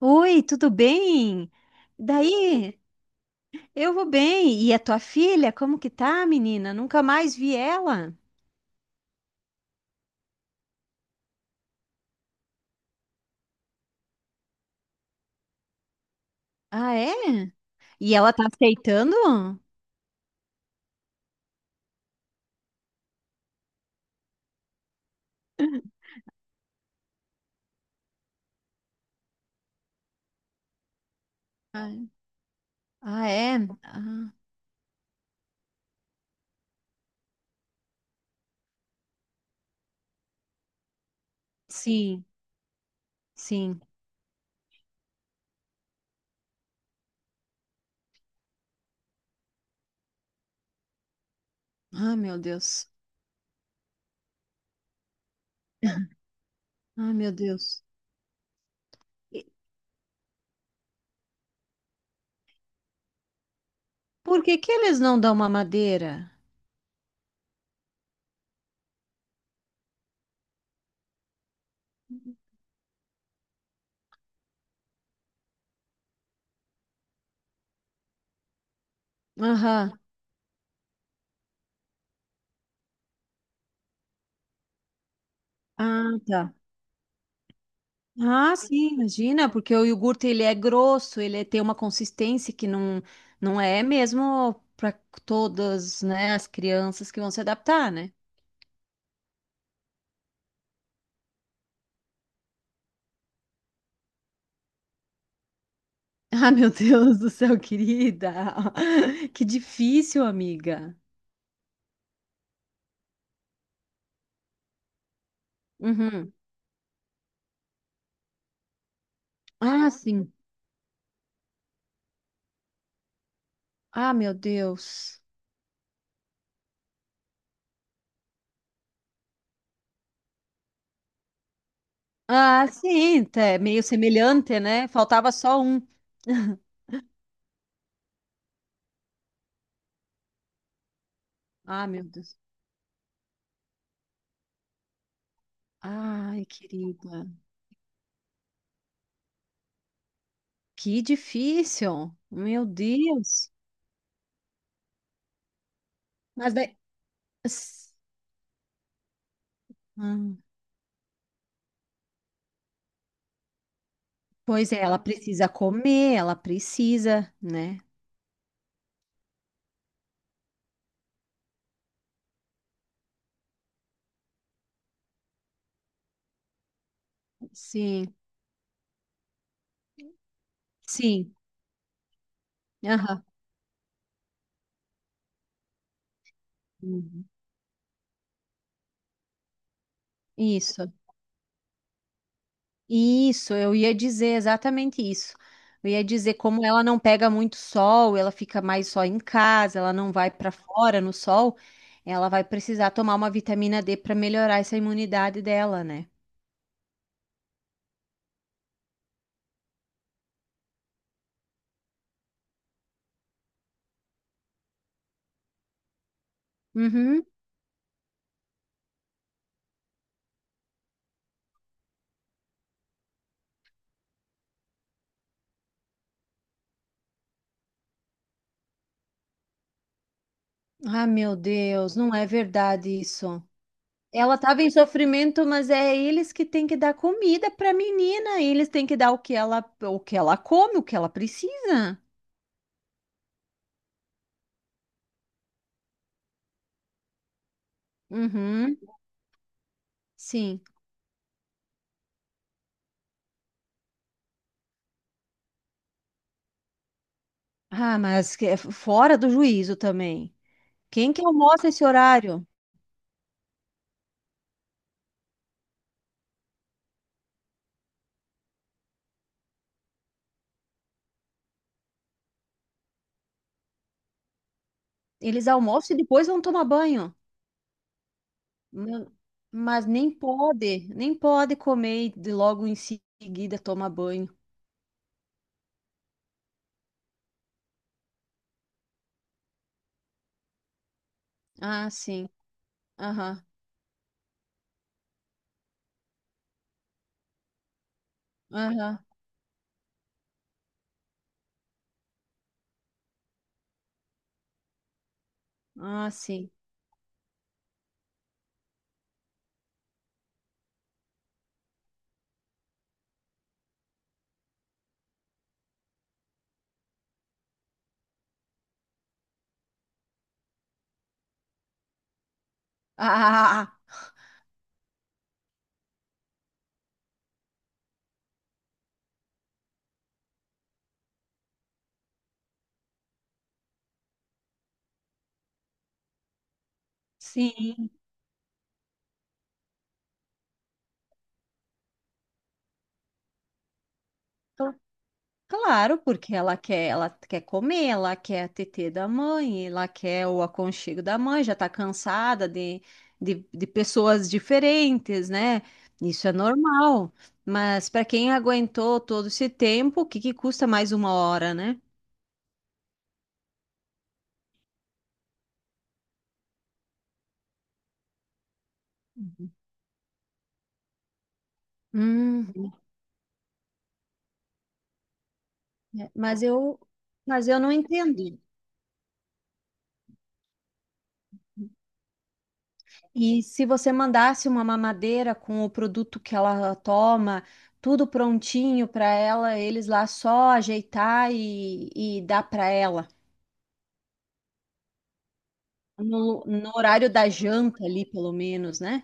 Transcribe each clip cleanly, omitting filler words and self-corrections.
Oi, tudo bem? Daí, eu vou bem. E a tua filha, como que tá, menina? Nunca mais vi ela. Ah, é? E ela tá aceitando? Ah, ah, é? Ah, sim, sim. Ah, meu Deus. Ah, meu Deus. E por que que eles não dão mamadeira? Aham. Ah, tá. Ah, sim, imagina, porque o iogurte ele é grosso, tem uma consistência que não, não é mesmo para todas, né, as crianças que vão se adaptar, né? Ah, meu Deus do céu, querida. Que difícil, amiga. Uhum. Ah, sim. Ah, meu Deus. Ah, sim, tá, é meio semelhante, né? Faltava só um. Ah, meu Deus. Ai, querida. Que difícil. Meu Deus. Mas daí. Ah. Pois é, ela precisa comer, ela precisa, né? Sim, sim. Aham. Uhum. Isso, isso, eu ia dizer exatamente isso. Eu ia dizer como ela não pega muito sol, ela fica mais só em casa, ela não vai para fora no sol, ela vai precisar tomar uma vitamina D para melhorar essa imunidade dela, né? Uhum. Ah, meu Deus, não é verdade isso. Ela estava em sofrimento, mas é eles que têm que dar comida para a menina. Eles têm que dar o que ela come, o que ela precisa. Uhum, sim. Ah, mas que é fora do juízo também. Quem que almoça esse horário? Eles almoçam e depois vão tomar banho. Ma- Mas nem pode, nem pode comer e logo em seguida tomar banho. Ah, sim. Aham, aham. Ah, sim. Ah, ah, ah, ah. Sim. Então, claro, porque ela quer comer, ela quer a tetê da mãe, ela quer o aconchego da mãe, já tá cansada de pessoas diferentes, né? Isso é normal. Mas para quem aguentou todo esse tempo, o que que custa mais uma hora, né? Hum. É, mas eu não entendo. E se você mandasse uma mamadeira com o produto que ela toma, tudo prontinho para ela, eles lá só ajeitar e dar para ela. No horário da janta ali, pelo menos, né?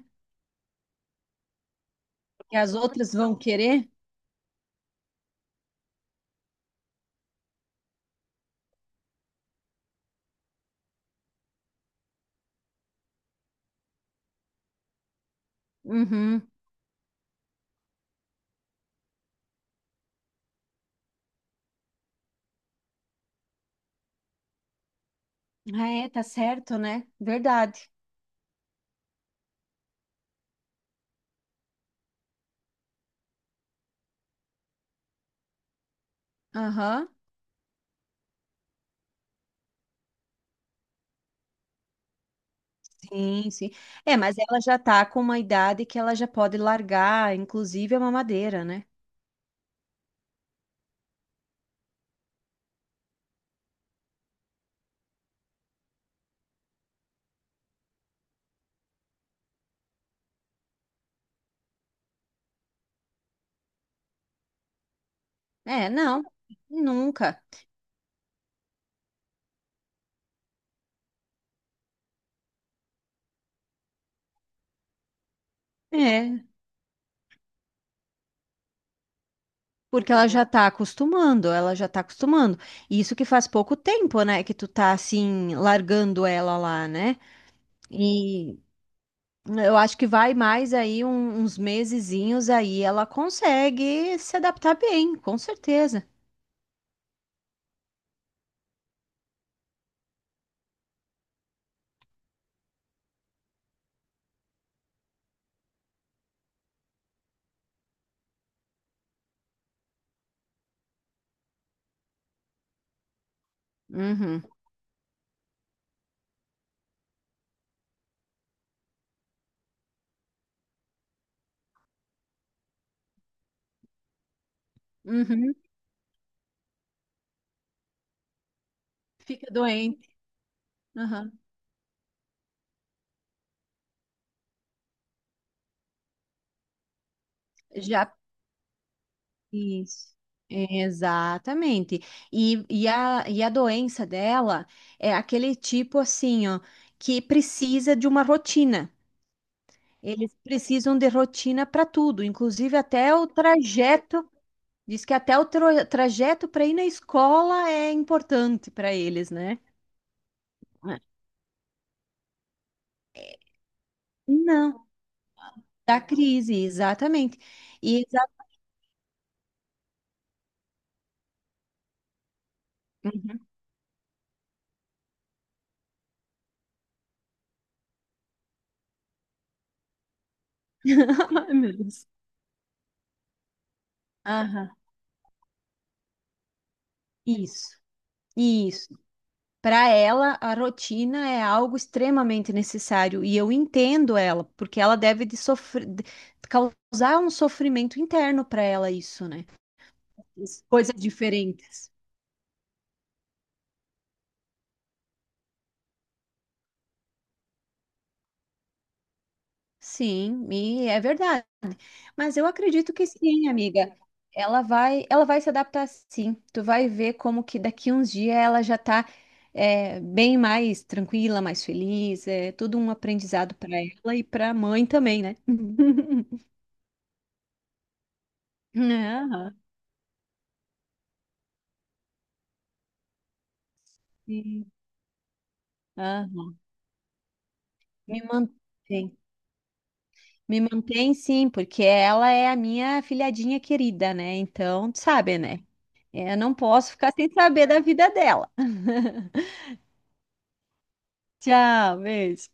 Que as outras vão querer. Uhum. Ah, é, tá certo, né? Verdade. Aham. Sim, sim. É, mas ela já tá com uma idade que ela já pode largar, inclusive a mamadeira, né? É, não, nunca. É, porque ela já tá acostumando, ela já tá acostumando. E isso que faz pouco tempo, né, que tu tá assim largando ela lá, né? E eu acho que vai mais aí uns mesezinhos aí ela consegue se adaptar bem, com certeza. Uhum, uhum. Fica doente. Uhum. Já isso. Exatamente. E a doença dela é aquele tipo assim, ó, que precisa de uma rotina. Eles precisam de rotina para tudo, inclusive até o trajeto. Diz que até o trajeto para ir na escola é importante para eles, né? É. Não, da crise, exatamente. E exa- Uhum. Ai, meu Deus. Aham, Isso, isso. Para ela, a rotina é algo extremamente necessário e eu entendo ela, porque ela deve de sofrer, causar um sofrimento interno para ela isso, né? Coisas diferentes. Sim, e é verdade. Mas eu acredito que sim, amiga. Ela vai se adaptar sim. Tu vai ver como que daqui uns dias ela já tá bem mais tranquila, mais feliz. É tudo um aprendizado para ela e para a mãe também, né? Aham, sim. Aham. Me mantém. Me mantém sim, porque ela é a minha filhadinha querida, né? Então, tu sabe, né? Eu não posso ficar sem saber da vida dela. Tchau, beijo.